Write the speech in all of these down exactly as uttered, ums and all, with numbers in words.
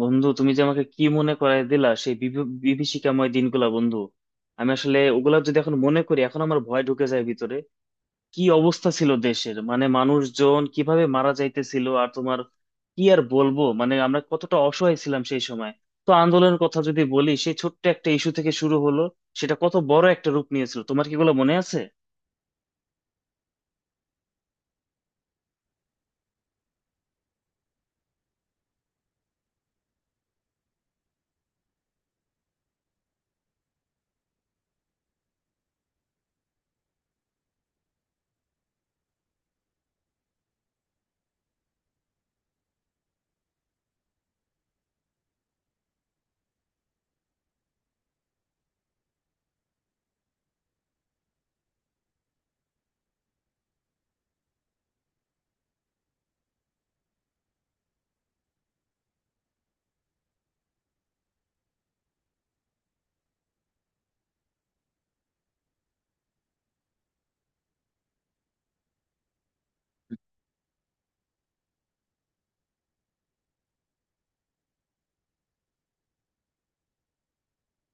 বন্ধু, তুমি যে আমাকে কি মনে করায় দিলা সেই বিভী- বিভীষিকাময় দিনগুলা বন্ধু। আমি আসলে ওগুলা যদি এখন মনে করি এখন আমার ভয় ঢুকে যায় ভিতরে। কি অবস্থা ছিল দেশের, মানে মানুষজন কিভাবে মারা যাইতেছিল! আর তোমার কি আর বলবো, মানে আমরা কতটা অসহায় ছিলাম সেই সময়। তো আন্দোলনের কথা যদি বলি, সেই ছোট্ট একটা ইস্যু থেকে শুরু হলো, সেটা কত বড় একটা রূপ নিয়েছিল! তোমার কি এগুলো মনে আছে?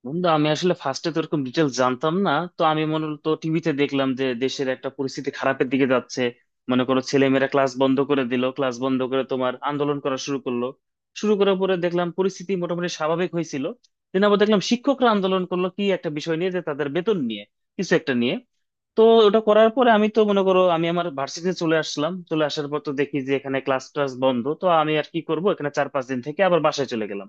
বন্ধু আমি আসলে ফার্স্টে তো এরকম ডিটেল জানতাম না, তো আমি মূলত টিভিতে দেখলাম যে দেশের একটা পরিস্থিতি খারাপের দিকে যাচ্ছে। মনে করো ছেলেমেয়েরা ক্লাস বন্ধ করে দিল, ক্লাস বন্ধ করে তোমার আন্দোলন করা শুরু করলো। শুরু করার পরে দেখলাম পরিস্থিতি মোটামুটি স্বাভাবিক হয়েছিল। দিন আবার দেখলাম শিক্ষকরা আন্দোলন করলো কি একটা বিষয় নিয়ে, যে তাদের বেতন নিয়ে কিছু একটা নিয়ে। তো ওটা করার পরে আমি তো মনে করো আমি আমার ভার্সিটিতে চলে আসলাম, চলে আসার পর তো দেখি যে এখানে ক্লাস টাস বন্ধ, তো আমি আর কি করব, এখানে চার পাঁচ দিন থেকে আবার বাসায় চলে গেলাম।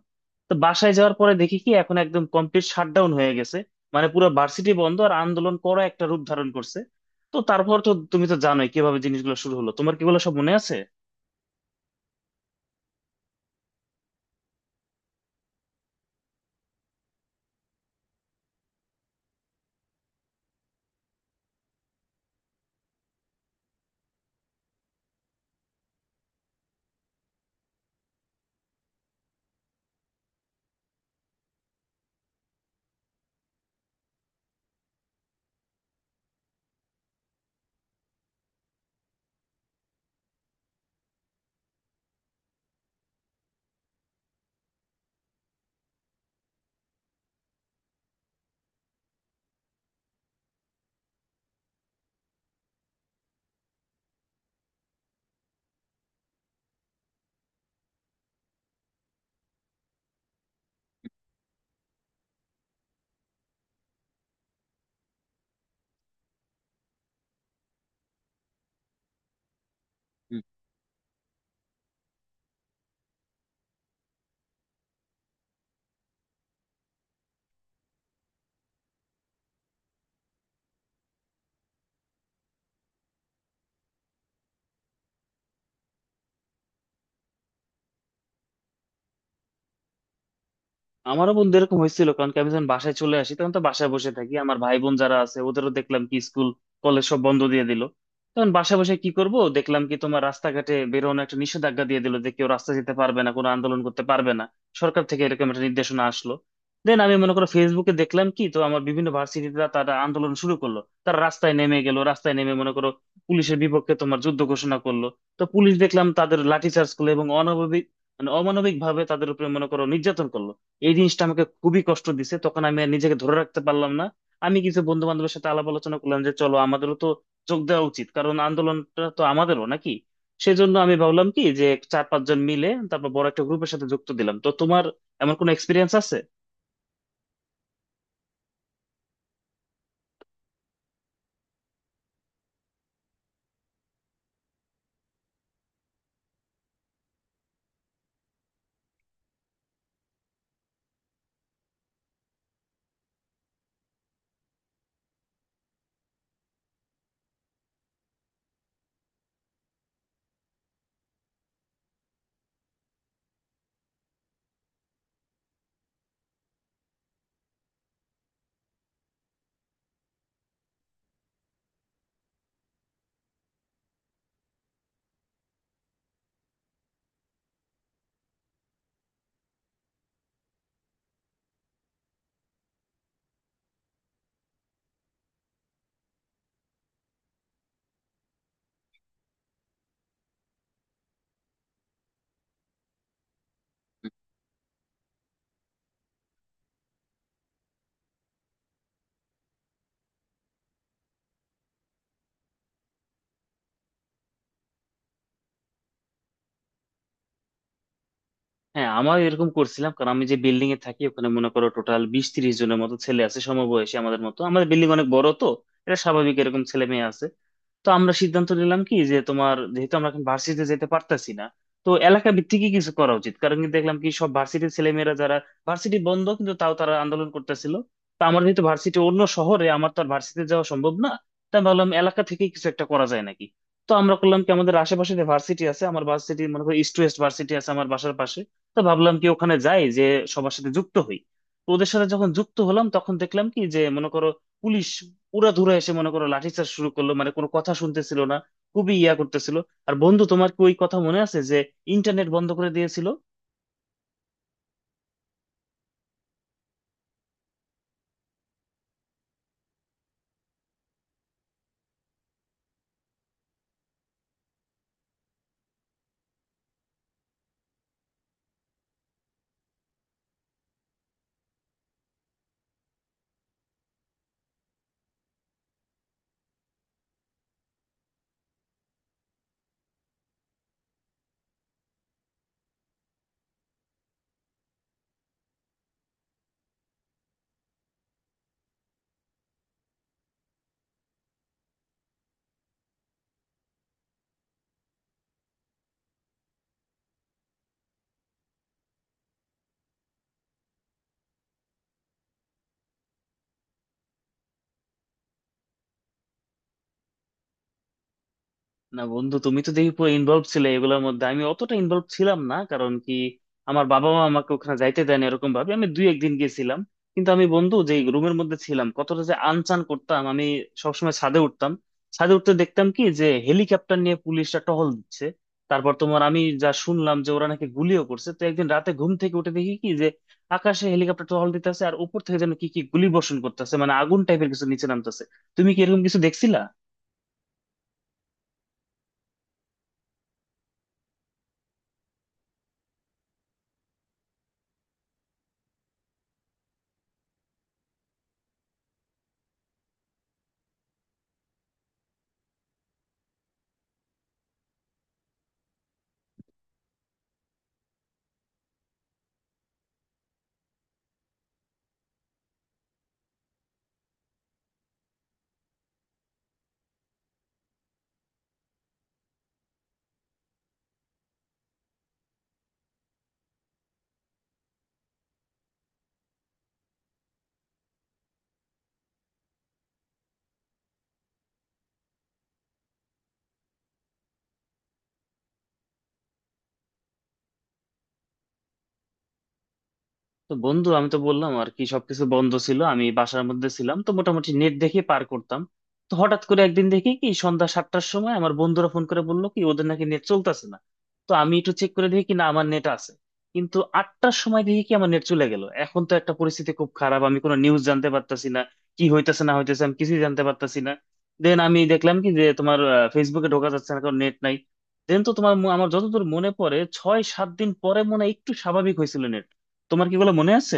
তো বাসায় যাওয়ার পরে দেখি কি এখন একদম কমপ্লিট শাটডাউন হয়ে গেছে, মানে পুরো ভার্সিটি বন্ধ, আর আন্দোলন করা একটা রূপ ধারণ করছে। তো তারপর তো তুমি তো জানোই কিভাবে জিনিসগুলো শুরু হলো, তোমার কি এগুলো সব মনে আছে? আমারও বন্ধু এরকম হয়েছিল, কারণ কি আমি যখন বাসায় চলে আসি তখন তো বাসায় বসে থাকি, আমার ভাই বোন যারা আছে ওদেরও দেখলাম কি স্কুল কলেজ সব বন্ধ দিয়ে দিল। তখন বাসায় বসে কি করব, দেখলাম কি তোমার রাস্তাঘাটে বেরোনো একটা নিষেধাজ্ঞা দিয়ে দিল যে কেউ রাস্তা যেতে পারবে না, কোনো আন্দোলন করতে পারবে না, সরকার থেকে এরকম একটা নির্দেশনা আসলো। দেন আমি মনে করো ফেসবুকে দেখলাম কি তো আমার বিভিন্ন ভার্সিটিতে তারা আন্দোলন শুরু করলো, তারা রাস্তায় নেমে গেল, রাস্তায় নেমে মনে করো পুলিশের বিপক্ষে তোমার যুদ্ধ ঘোষণা করলো। তো পুলিশ দেখলাম তাদের লাঠিচার্জ করলো এবং অনাবাবিক মানে অমানবিক ভাবে তাদের উপরে মনে করো নির্যাতন করলো। এই জিনিসটা আমাকে খুবই কষ্ট দিছে, তখন আমি আর নিজেকে ধরে রাখতে পারলাম না। আমি কিছু বন্ধু বান্ধবের সাথে আলাপ আলোচনা করলাম যে চলো আমাদেরও তো যোগ দেওয়া উচিত, কারণ আন্দোলনটা তো আমাদেরও নাকি। সেজন্য আমি ভাবলাম কি যে চার পাঁচজন মিলে তারপর বড় একটা গ্রুপের সাথে যুক্ত দিলাম। তো তোমার এমন কোনো এক্সপিরিয়েন্স আছে? হ্যাঁ আমার এরকম করছিলাম, কারণ আমি যে বিল্ডিং এ থাকি ওখানে মনে করো টোটাল বিশ তিরিশ জনের মতো ছেলে আছে সমবয়সী আমাদের মতো, আমাদের বিল্ডিং অনেক বড় তো এটা স্বাভাবিক এরকম ছেলে মেয়ে আছে। তো আমরা সিদ্ধান্ত নিলাম কি যে তোমার যেহেতু আমরা এখন ভার্সিটিতে যেতে পারতাছি না, তো এলাকা ভিত্তিকই কিছু করা উচিত, কারণ কি দেখলাম কি সব ভার্সিটির ছেলেমেয়েরা যারা ভার্সিটি বন্ধ কিন্তু তাও তারা আন্দোলন করতেছিল। তো আমার যেহেতু ভার্সিটি অন্য শহরে, আমার তো আর ভার্সিটি যাওয়া সম্ভব না, তাই ভাবলাম এলাকা থেকে কিছু একটা করা যায় নাকি। তো আমরা করলাম কি আমাদের আশেপাশে যে ভার্সিটি আছে, আমার ভার্সিটি মনে করো ইস্ট ওয়েস্ট ভার্সিটি আছে আমার বাসার পাশে, তো ভাবলাম কি ওখানে যাই যে সবার সাথে যুক্ত হই। তো ওদের সাথে যখন যুক্ত হলাম তখন দেখলাম কি যে মনে করো পুলিশ উড়াধুরা এসে মনে করো লাঠিচার্জ শুরু করলো, মানে কোনো কথা শুনতেছিল না, খুবই ইয়া করতেছিল। আর বন্ধু তোমার কি ওই কথা মনে আছে যে ইন্টারনেট বন্ধ করে দিয়েছিল? না বন্ধু, তুমি তো দেখি পুরো ইনভলভ ছিলে এগুলোর মধ্যে, আমি অতটা ইনভলভ ছিলাম না, কারণ কি আমার বাবা মা আমাকে ওখানে যাইতে দেন, এরকম ভাবে আমি দুই একদিন গেছিলাম। কিন্তু আমি বন্ধু যে রুমের মধ্যে ছিলাম কতটা যে আনচান করতাম আমি, সবসময় ছাদে উঠতাম। ছাদে উঠতে দেখতাম কি যে হেলিকপ্টার নিয়ে পুলিশরা টহল দিচ্ছে। তারপর তোমার আমি যা শুনলাম যে ওরা নাকি গুলিও করছে। তো একদিন রাতে ঘুম থেকে উঠে দেখি কি যে আকাশে হেলিকপ্টার টহল দিতেছে আর উপর থেকে যেন কি কি গুলি বর্ষণ করতেছে, মানে আগুন টাইপের কিছু নিচে নামতেছে। তুমি কি এরকম কিছু দেখছিলা? তো বন্ধু আমি তো বললাম আর কি সবকিছু বন্ধ ছিল, আমি বাসার মধ্যে ছিলাম তো মোটামুটি নেট দেখে পার করতাম। তো হঠাৎ করে একদিন দেখি কি সন্ধ্যা সাতটার সময় আমার বন্ধুরা ফোন করে বললো কি ওদের নাকি নেট চলতেছে না। তো আমি একটু চেক করে দেখি কি না আমার নেট আছে, কিন্তু আটটার সময় দেখি কি আমার নেট চলে গেল। এখন তো একটা পরিস্থিতি খুব খারাপ, আমি কোনো নিউজ জানতে পারতাছি না, কি হইতেছে না হইতেছে আমি কিছুই জানতে পারতাছি না। দেন আমি দেখলাম কি যে তোমার ফেসবুকে ঢোকা যাচ্ছে না, কারণ নেট নাই। দেন তো তোমার ম- আমার যতদূর মনে পড়ে ছয় সাত দিন পরে মনে হয় একটু স্বাভাবিক হয়েছিল। তোমার কি এগুলো মনে আছে?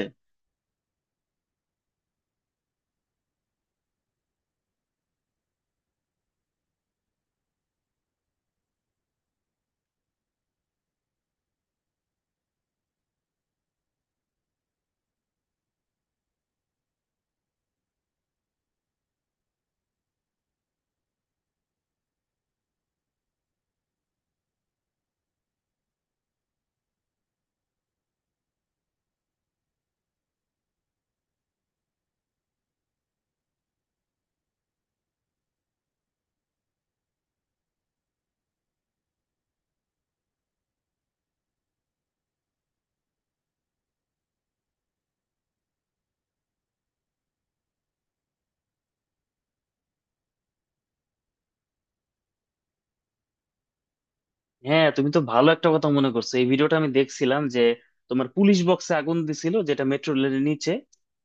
হ্যাঁ, তুমি তো ভালো একটা কথা মনে করছো, এই ভিডিওটা আমি দেখছিলাম যে তোমার পুলিশ বক্সে আগুন দিছিল যেটা মেট্রো রেলের নিচে।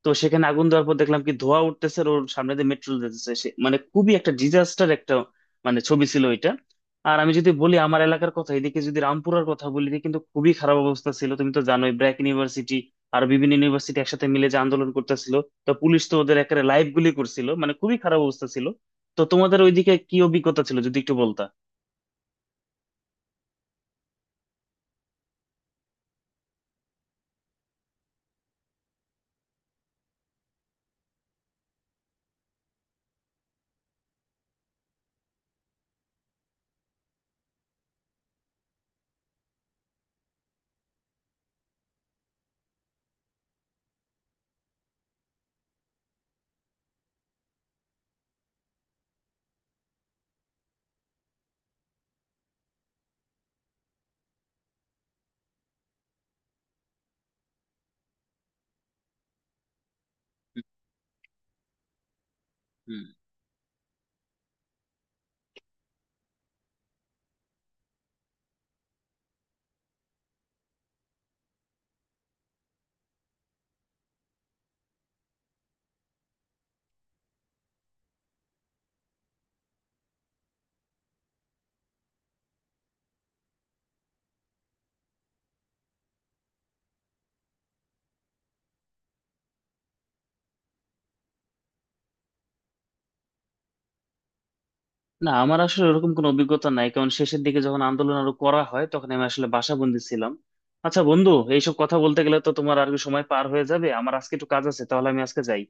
তো সেখানে আগুন দেওয়ার পর দেখলাম কি ধোঁয়া উঠতেছে আর ওর সামনে দিয়ে মেট্রো যেতেছে, সে- মানে খুবই একটা ডিজাস্টার একটা মানে ছবি ছিল ওইটা। আর আমি যদি বলি আমার এলাকার কথা, এদিকে যদি রামপুরার কথা বলি, এদিকে কিন্তু খুবই খারাপ অবস্থা ছিল। তুমি তো জানোই ব্র্যাক ইউনিভার্সিটি আর বিভিন্ন ইউনিভার্সিটি একসাথে মিলে যে আন্দোলন করতেছিল, তো পুলিশ তো ওদের একেবারে লাইভ গুলি করছিল, মানে খুবই খারাপ অবস্থা ছিল। তো তোমাদের ওইদিকে কি অভিজ্ঞতা ছিল যদি একটু বলতা। হুম। না আমার আসলে ওরকম কোনো অভিজ্ঞতা নাই, কারণ শেষের দিকে যখন আন্দোলন আরো করা হয় তখন আমি আসলে বাসাবন্দী ছিলাম। আচ্ছা বন্ধু, এইসব কথা বলতে গেলে তো তোমার আর কি সময় পার হয়ে যাবে, আমার আজকে একটু কাজ আছে, তাহলে আমি আজকে যাই।